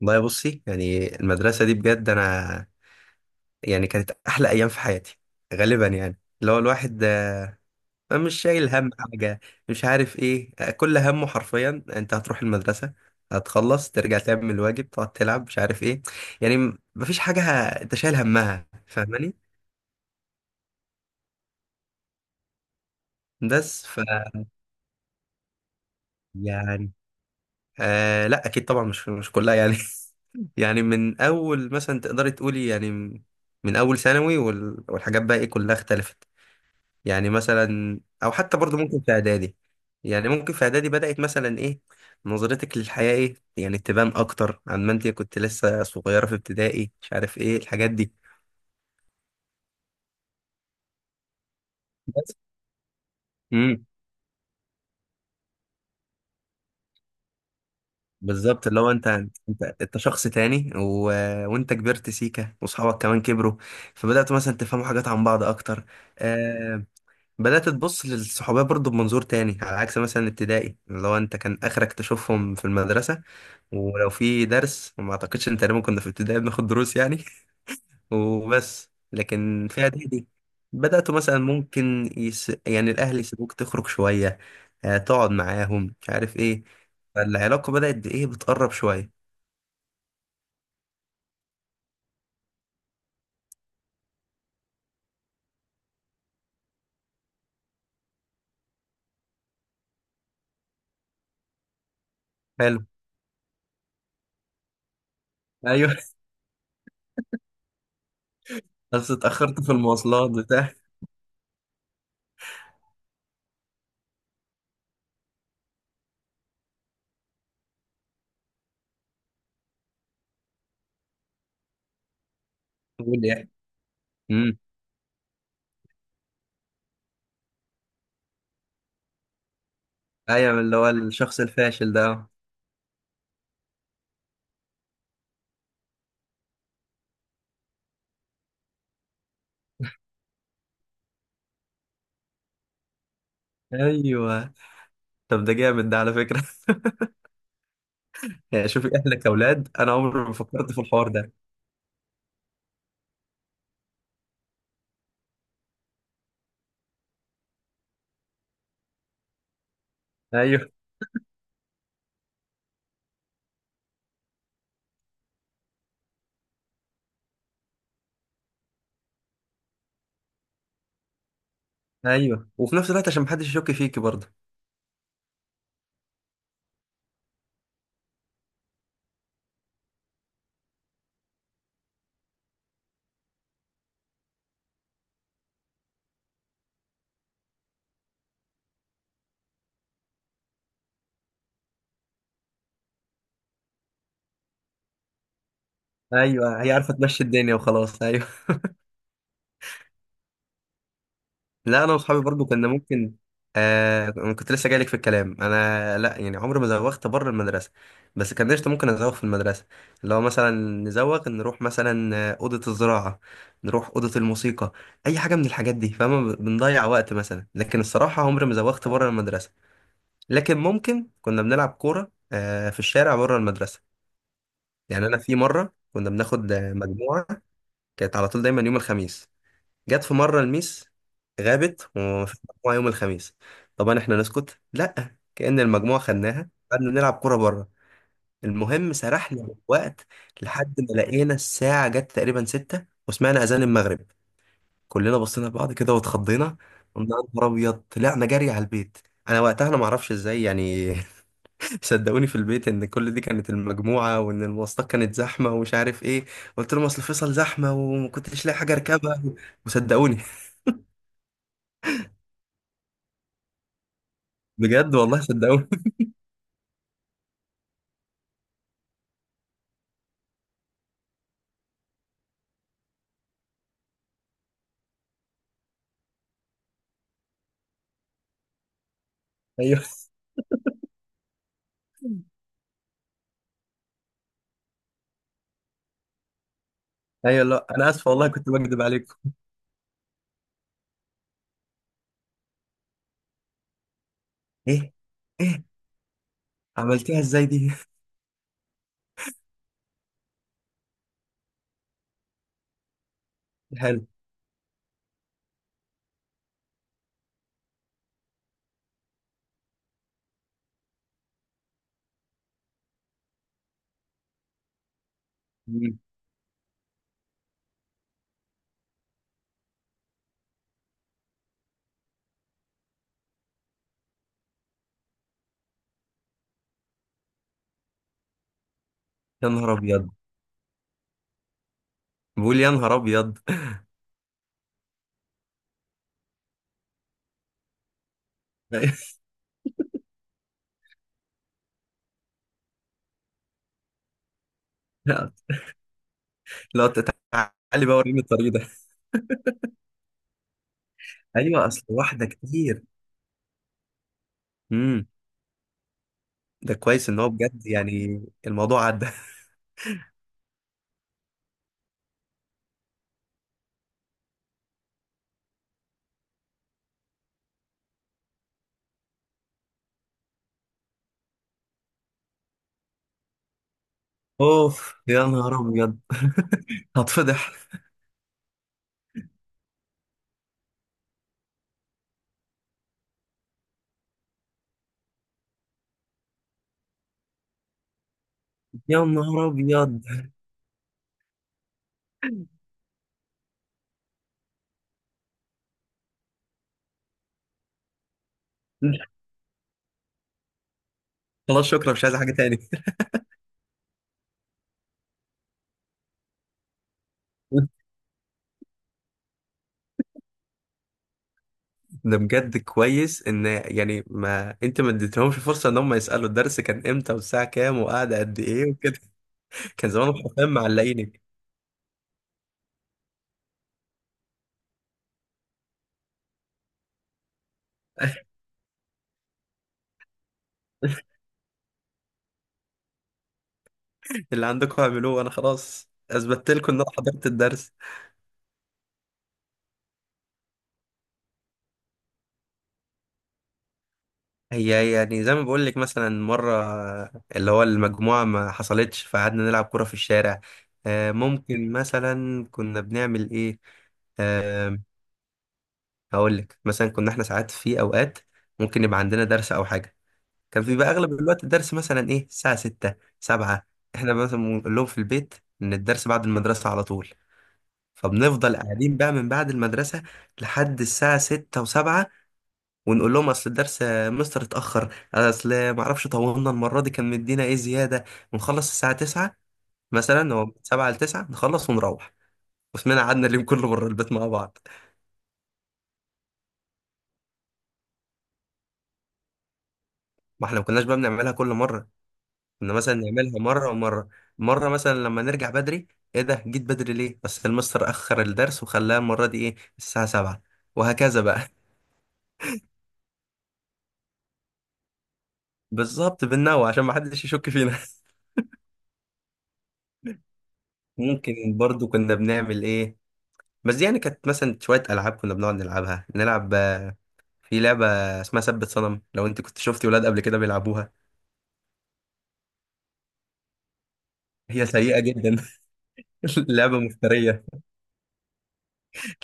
والله بصي، يعني المدرسة دي بجد أنا يعني كانت أحلى أيام في حياتي. غالبا يعني اللي هو الواحد مش شايل هم حاجة، مش عارف إيه، كل همه حرفيا أنت هتروح المدرسة، هتخلص ترجع تعمل الواجب، تقعد تلعب، مش عارف إيه. يعني مفيش حاجة أنت شايل همها، فاهماني؟ بس يعني، آه لا، أكيد طبعا مش كلها يعني. يعني من أول مثلا تقدري تقولي، يعني من أول ثانوي والحاجات بقى إيه كلها اختلفت. يعني مثلا او حتى برضو ممكن في اعدادي، يعني ممكن في اعدادي بدأت مثلا ايه، نظرتك للحياة ايه يعني، تبان اكتر عن ما انت كنت لسه صغيرة في ابتدائي، مش عارف ايه الحاجات دي. بس امم بالظبط اللي هو انت شخص تاني، وانت كبرت سيكا، واصحابك كمان كبروا. فبدأتوا مثلا تفهموا حاجات عن بعض اكتر، آه... بدأت تبص للصحوبية برضو بمنظور تاني، على عكس مثلا ابتدائي اللي هو انت كان اخرك تشوفهم في المدرسة. ولو في درس، وما اعتقدش ان تقريبا كنا في ابتدائي بناخد دروس يعني. وبس، لكن في اعدادي بدأت مثلا ممكن يعني الاهل يسيبوك تخرج شوية، تقعد معاهم مش عارف ايه، فالعلاقة بدأت بايه، بتقرب شوية. حلو. ايوه. بس اتأخرت في المواصلات بتاع. بقول يعني، امم ايوه اللي هو الشخص الفاشل ده. ايوه. طب ده جامد ده على فكرة! يعني شوفي اهلك اولاد، انا عمري ما فكرت في الحوار ده. ايوه، ايوه، وفي نفس الوقت عشان محدش يشك فيكي برضه. ايوه، هي عارفه تمشي الدنيا وخلاص، ايوه. لا، انا واصحابي برضه كنا ممكن. آه، أنا كنت لسه جايلك في الكلام. انا لا يعني، عمري ما زوغت بره المدرسه، بس كان قشطه ممكن ازوغ في المدرسه. اللي هو مثلا، نزوغ نروح مثلا اوضه الزراعه، نروح اوضه الموسيقى، اي حاجه من الحاجات دي، فاهمه، بنضيع وقت مثلا. لكن الصراحه عمري ما زوغت بره المدرسه، لكن ممكن كنا بنلعب كوره في الشارع بره المدرسه. يعني انا في مره كنا بناخد مجموعه، كانت على طول دايما يوم الخميس. جت في مره الميس غابت ومفيش مجموعه يوم الخميس. طبعا احنا نسكت، لا كأن المجموعه خدناها، قعدنا نلعب كوره بره. المهم سرحنا وقت، لحد ما لقينا الساعه جت تقريبا 6 وسمعنا اذان المغرب. كلنا بصينا لبعض كده واتخضينا، قلنا يا نهار ابيض، طلعنا جري على البيت. انا وقتها انا ما اعرفش ازاي يعني. صدقوني في البيت ان كل دي كانت المجموعه، وان المواصلات كانت زحمه ومش عارف ايه. قلت لهم اصل فيصل زحمه وما كنتش لاقي حاجه اركبها، وصدقوني. بجد والله صدقوني. ايوه، ايوه، لا انا اسف والله كنت بكذب عليكم. ايه! ايه! عملتيها ازاي دي؟ حلو. مم. يا نهار ابيض، بقول يا نهار ابيض. لا، لا، تعالي بقى وريني الطريق ده. ايوه، اصل واحده كتير. امم ده كويس ان هو بجد يعني، الموضوع عدى. اوف يا نهار ابيض. هتفضح! يا نهار ابيض. خلاص، شكرا، مش عايز حاجه تاني. ده بجد كويس، ان يعني ما انت ما اديتهمش فرصه ان هم يسالوا الدرس كان امتى والساعه كام وقعد قد ايه وكده. كان زمانهم حرفيا معلقينك. اللي عندكم اعملوه، انا خلاص اثبتت لكم ان انا حضرت الدرس. هي يعني زي ما بقول لك مثلا، مره، اللي هو المجموعه ما حصلتش فقعدنا نلعب كوره في الشارع. ممكن مثلا كنا بنعمل ايه. آه، هقول لك مثلا، كنا احنا ساعات في اوقات ممكن يبقى عندنا درس او حاجه، كان بيبقى اغلب الوقت الدرس مثلا ايه الساعه 6 7. احنا مثلا بنقول لهم في البيت ان الدرس بعد المدرسه على طول، فبنفضل قاعدين بقى من بعد المدرسه لحد الساعه 6 و7، ونقول لهم اصل الدرس يا مستر اتاخر، اصل ما اعرفش طولنا المره دي كان مدينا ايه زياده، ونخلص الساعه 9. مثلا هو من 7 ل 9 نخلص ونروح، واسمنا قعدنا اليوم كله بره البيت مع بعض. ما احنا ما كناش بقى بنعملها كل مره، كنا مثلا نعملها مرة ومرة. مرة مثلا لما نرجع بدري، ايه ده، جيت بدري ليه؟ بس المستر أخر الدرس وخلاها المرة دي ايه الساعة 7. وهكذا بقى. بالظبط بالنوع عشان ما حدش يشك فينا. ممكن برضو كنا بنعمل ايه. بس دي يعني كانت مثلا شوية ألعاب كنا بنقعد نلعبها. نلعب في لعبة اسمها ثبت صنم، لو انت كنت شفتي ولاد قبل كده بيلعبوها. هي سيئة جدا. لعبة مفترية.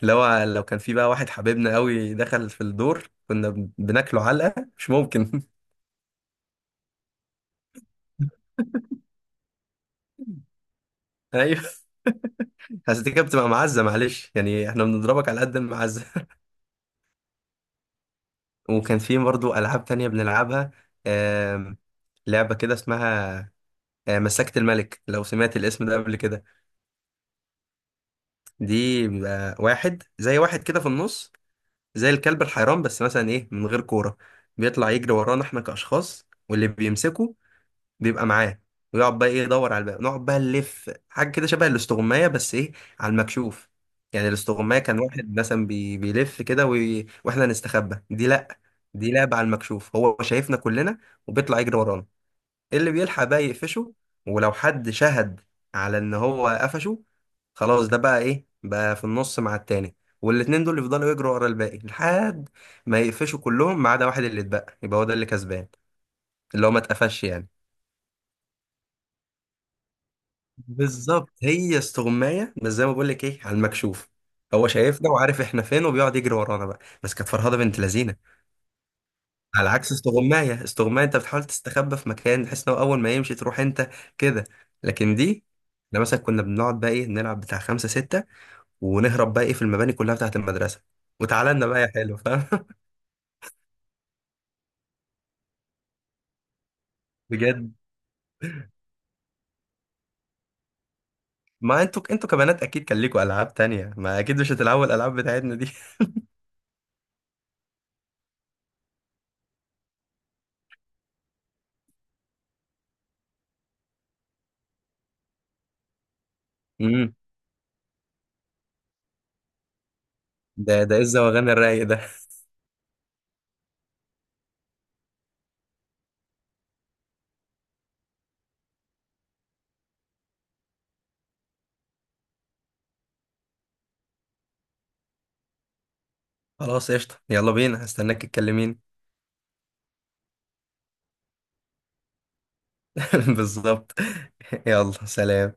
لو كان في بقى واحد حبيبنا قوي دخل في الدور، كنا بناكله علقة مش ممكن. ايوه، بس دي كانت بتبقى معزه، معلش يعني احنا بنضربك على قد المعزه. وكان في برضو العاب تانية بنلعبها. آم، لعبه كده اسمها مسكت الملك، لو سمعت الاسم ده قبل كده. دي بيبقى واحد زي واحد كده في النص، زي الكلب الحيران بس مثلا ايه من غير كوره. بيطلع يجري ورانا احنا كاشخاص، واللي بيمسكه بيبقى معاه، ويقعد بقى ايه يدور على الباقي، نقعد بقى نلف حاجه كده شبه الاستغمايه بس ايه على المكشوف. يعني الاستغمايه كان واحد مثلا بيلف كده واحنا نستخبى. دي لا، دي لعبه على المكشوف، هو شايفنا كلنا وبيطلع يجري ورانا. إيه اللي بيلحق بقى يقفشه، ولو حد شهد على ان هو قفشه، خلاص ده بقى ايه بقى في النص مع التاني، والاتنين دول يفضلوا يجروا ورا الباقي، لحد ما يقفشوا كلهم ما عدا واحد. اللي اتبقى يبقى هو ده اللي كسبان، اللي هو ما اتقفش يعني. بالظبط، هي استغمايه بس زي ما بقول لك ايه على المكشوف، هو شايفنا وعارف احنا فين وبيقعد يجري ورانا بقى، بس كانت فرهده بنت لذينه. على عكس استغمايه، استغمايه انت بتحاول تستخبى في مكان بحيث انه اول ما يمشي تروح انت كده. لكن دي احنا مثلا كنا بنقعد بقى ايه نلعب بتاع خمسه سته، ونهرب بقى ايه في المباني كلها بتاعت المدرسه، وتعالى لنا بقى يا حلو، فاهم؟ بجد. ما انتوا كبنات، اكيد كان ليكوا العاب تانية، ما اكيد مش هتلعبوا الالعاب بتاعتنا دي. امم ده ايه الزواغان الرايق ده؟ خلاص قشطة، يلا بينا، هستناك تكلميني. بالظبط. يلا سلام.